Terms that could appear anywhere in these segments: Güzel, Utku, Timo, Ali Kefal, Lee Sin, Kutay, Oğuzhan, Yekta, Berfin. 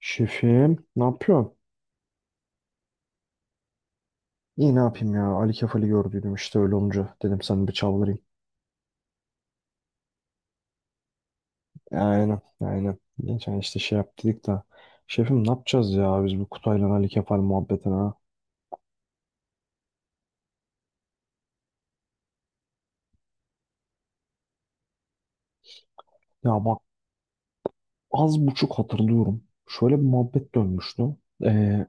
Şefim, ne yapıyorsun? İyi ne yapayım ya. Ali Kefal'i gördüydüm işte öyle olunca. Dedim sana bir çaldırayım. Aynen, aynen. Geçen işte şey yaptık da. Şefim ne yapacağız ya biz bu Kutay'la Ali Kefal muhabbetine ha? Ya bak az buçuk hatırlıyorum. Şöyle bir muhabbet dönmüştü. Ee,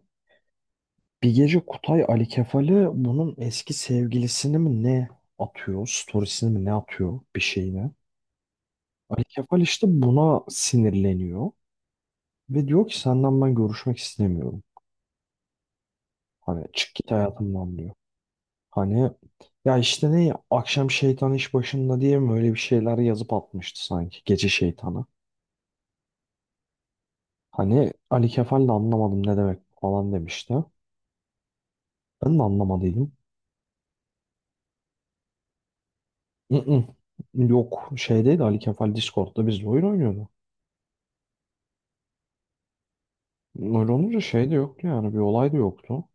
bir gece Kutay Ali Kefal'i bunun eski sevgilisini mi ne atıyor? Storiesini mi ne atıyor bir şeyine? Ali Kefal işte buna sinirleniyor. Ve diyor ki senden ben görüşmek istemiyorum. Hani çık git hayatımdan diyor. Hani ya işte ne ya, akşam şeytan iş başında diye mi öyle bir şeyler yazıp atmıştı sanki gece şeytanı. Hani Ali Kefal de anlamadım ne demek falan demişti. Ben de anlamadıydım. Mm-mm. Yok, şeydeydi, Ali Kefal Discord'da bizle oyun oynuyordu. Öyle olunca şey de yoktu yani bir olay da yoktu.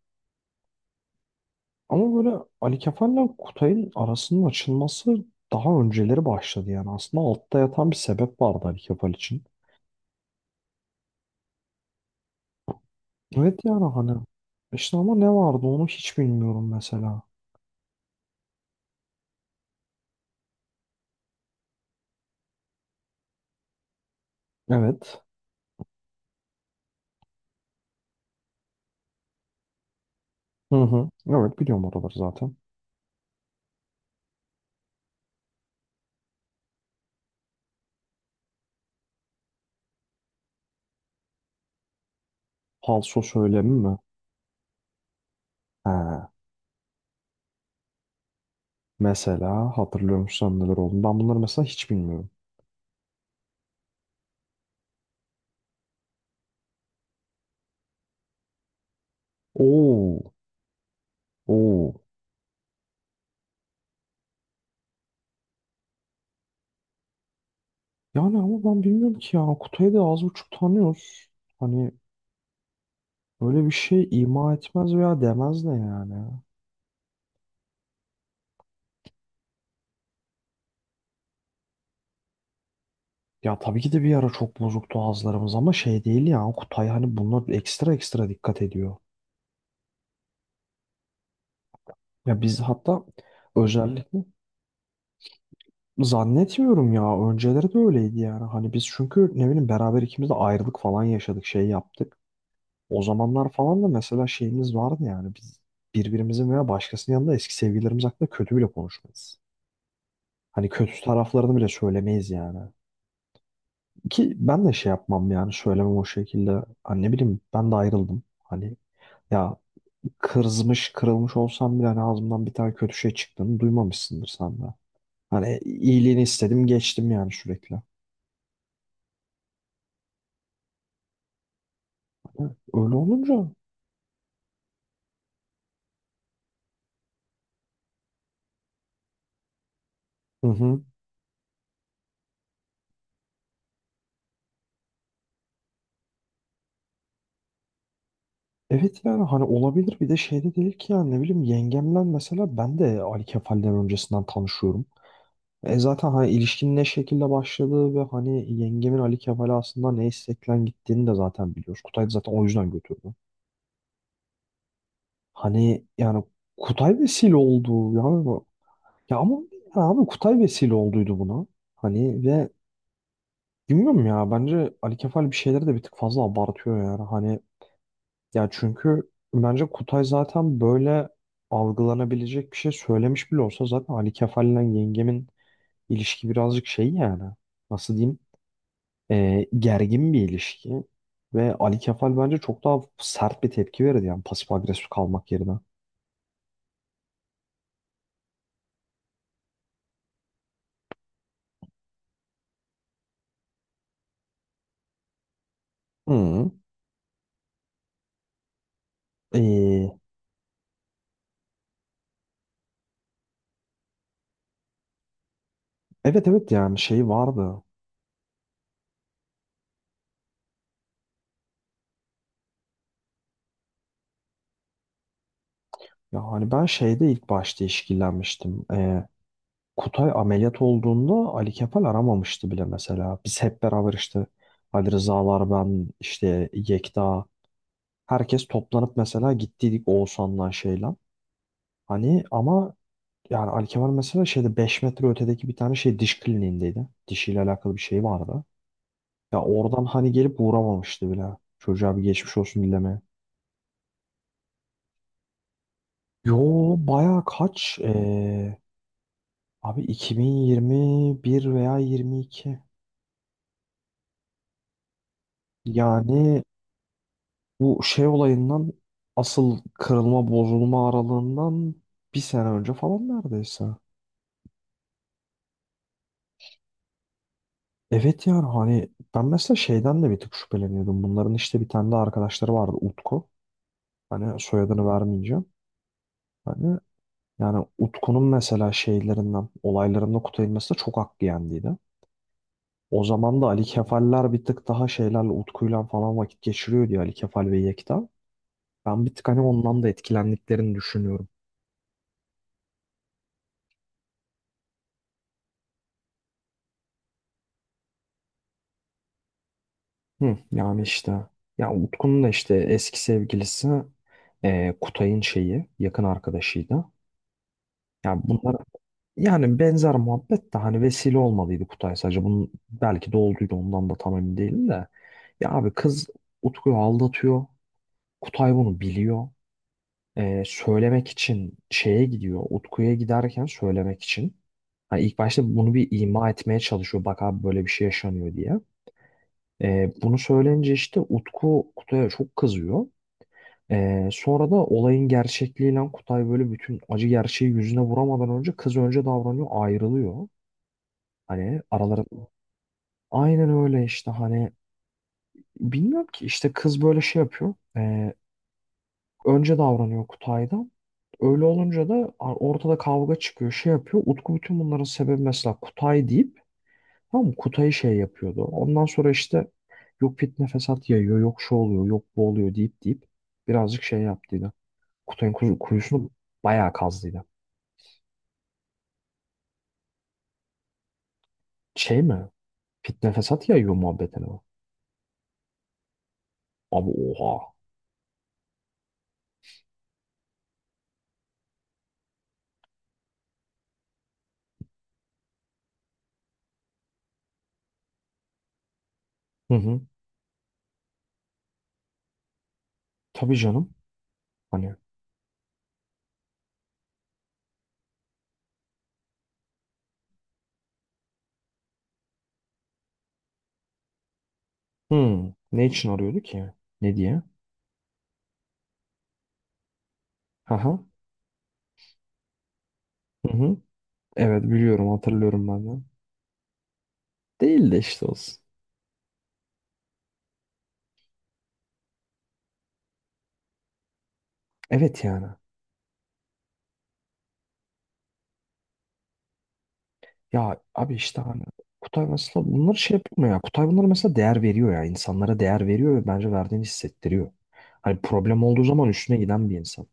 Ama böyle Ali Kefal'le Kutay'ın arasının açılması daha önceleri başladı yani. Aslında altta yatan bir sebep vardı Ali Kefal için. Evet yani hani işte ama ne vardı onu hiç bilmiyorum mesela. Evet. Hı hı. Evet biliyorum oraları zaten. Falso söylemi mi? He. Mesela hatırlıyor musun neler oldu? Ben bunları mesela hiç bilmiyorum. Oo. Oo. Yani ama ben bilmiyorum ki ya. Kutayı da az buçuk tanıyoruz. Hani böyle bir şey ima etmez veya demez de yani. Ya tabii ki de bir ara çok bozuktu ağızlarımız ama şey değil ya. Kutay hani bunlar ekstra ekstra dikkat ediyor. Ya biz hatta özellikle zannetmiyorum ya. Önceleri de öyleydi yani. Hani biz çünkü ne bileyim beraber ikimiz de ayrılık falan yaşadık, şey yaptık. O zamanlar falan da mesela şeyimiz vardı yani. Biz birbirimizin veya başkasının yanında eski sevgililerimiz hakkında kötü bile konuşmayız. Hani kötü taraflarını bile söylemeyiz yani. Ki ben de şey yapmam yani söylemem o şekilde. Hani ne bileyim ben de ayrıldım. Hani ya kızmış kırılmış olsam bile hani ağzımdan bir tane kötü şey çıktığını duymamışsındır sen de. Hani iyiliğini istedim geçtim yani sürekli. Öyle olunca hı hı. Evet yani hani olabilir bir de şey de değil ki yani ne bileyim yengemler mesela ben de Ali Kefal'den öncesinden tanışıyorum. E zaten hani ilişkinin ne şekilde başladığı ve hani yengemin Ali Kefal'e aslında ne isteklen gittiğini de zaten biliyoruz. Kutay da zaten o yüzden götürdü. Hani yani Kutay vesile oldu yani ya ama ya abi Kutay vesile olduydu buna. Hani ve bilmiyorum ya bence Ali Kefal bir şeyleri de bir tık fazla abartıyor yani. Hani ya çünkü bence Kutay zaten böyle algılanabilecek bir şey söylemiş bile olsa zaten Ali Kefal'le yengemin ilişki birazcık şey yani nasıl diyeyim gergin bir ilişki ve Ali Kefal bence çok daha sert bir tepki verirdi yani pasif agresif kalmak yerine. Hı. E, evet evet yani şey vardı ya hani ben şeyde ilk başta işkillenmiştim Kutay ameliyat olduğunda Ali Kefal aramamıştı bile mesela. Biz hep beraber işte Ali Rızalar, ben, işte Yekta, herkes toplanıp mesela gittiydik Oğuzhan'la şeyle. Hani ama yani Ali Kefal mesela şeyde 5 metre ötedeki bir tane şey diş kliniğindeydi. Dişiyle alakalı bir şey vardı. Ya oradan hani gelip uğramamıştı bile. Çocuğa bir geçmiş olsun dilemeye. Yo baya kaç? Abi 2021 veya 22. Yani bu şey olayından asıl kırılma bozulma aralığından bir sene önce falan neredeyse. Evet yani hani ben mesela şeyden de bir tık şüpheleniyordum. Bunların işte bir tane de arkadaşları vardı Utku. Hani soyadını vermeyeceğim. Hani yani Utku'nun mesela şeylerinden olaylarında Kutay'ın mesela çok hakkı yendiydi. O zaman da Ali Kefaller bir tık daha şeylerle Utku'yla falan vakit geçiriyor diye Ali Kefal ve Yekta. Ben bir tık hani ondan da etkilendiklerini düşünüyorum. Hı, yani işte ya Utku'nun da işte eski sevgilisi Kutay'ın şeyi yakın arkadaşıydı. Yani bunlar yani benzer muhabbet de hani vesile olmalıydı Kutay sadece bunun belki de olduydu ondan da tam emin değilim de. Ya abi kız Utku'yu aldatıyor. Kutay bunu biliyor. E, söylemek için şeye gidiyor. Utku'ya giderken söylemek için. Hani ilk başta bunu bir ima etmeye çalışıyor. Bak abi böyle bir şey yaşanıyor diye. E, bunu söyleyince işte Utku Kutay'a çok kızıyor. Sonra da olayın gerçekliğiyle Kutay böyle bütün acı gerçeği yüzüne vuramadan önce kız önce davranıyor ayrılıyor. Hani araları aynen öyle işte hani bilmiyorum ki işte kız böyle şey yapıyor. Önce davranıyor Kutay'dan. Öyle olunca da ortada kavga çıkıyor şey yapıyor. Utku bütün bunların sebebi mesela Kutay deyip tamam mı? Kutay'ı şey yapıyordu. Ondan sonra işte yok fitne fesat yayıyor yok şu oluyor yok bu oluyor deyip deyip birazcık şey yaptıydı. Kutay'ın kuyusunu bayağı kazdıydı. Şey mi? Fitne fesat yayıyor muhabbetine mi? Abi oha. Hı hı. Tabii canım. Hani. Hı. Ne için arıyordu ki? Ne diye? Aha, hı hı. Evet biliyorum hatırlıyorum ben de. Değil de işte olsun. Evet yani. Ya abi işte hani Kutay mesela bunları şey yapmıyor ya. Kutay bunları mesela değer veriyor ya. İnsanlara değer veriyor ve bence verdiğini hissettiriyor. Hani problem olduğu zaman üstüne giden bir insan.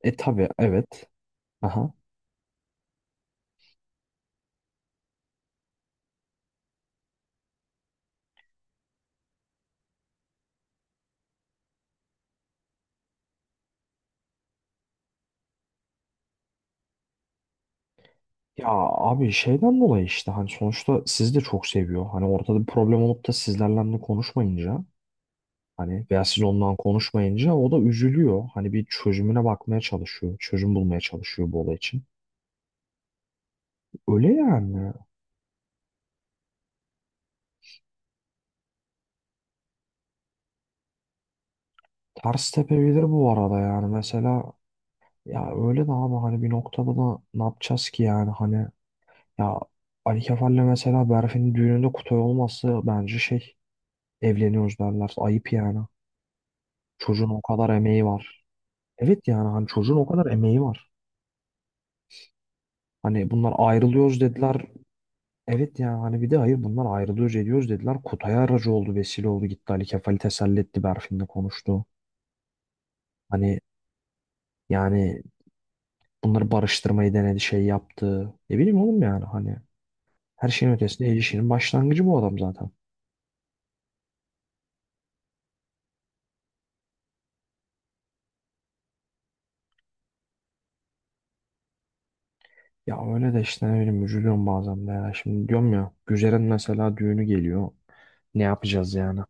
E tabii evet. Aha. Ya abi şeyden dolayı işte hani sonuçta sizi de çok seviyor. Hani ortada bir problem olup da sizlerle de konuşmayınca hani veya siz ondan konuşmayınca o da üzülüyor. Hani bir çözümüne bakmaya çalışıyor. Çözüm bulmaya çalışıyor bu olay için. Öyle yani. Ters tepebilir bu arada yani. Mesela ya öyle de abi hani bir noktada da ne yapacağız ki yani hani ya Ali Kefal'le mesela Berfin'in düğününde Kutay olması bence şey evleniyoruz derler. Ayıp yani. Çocuğun o kadar emeği var. Evet yani hani çocuğun o kadar emeği var. Hani bunlar ayrılıyoruz dediler. Evet yani hani bir de hayır bunlar ayrılıyoruz ediyoruz dediler. Kutay aracı oldu vesile oldu gitti Ali Kefal'i teselli etti Berfin'le konuştu. Hani yani bunları barıştırmayı denedi şey yaptı. Ne bileyim oğlum yani hani her şeyin ötesinde ilişkinin başlangıcı bu adam zaten. Ya öyle de işte ne bileyim üzülüyorum bazen de ya. Şimdi diyorum ya Güzel'in mesela düğünü geliyor. Ne yapacağız yani?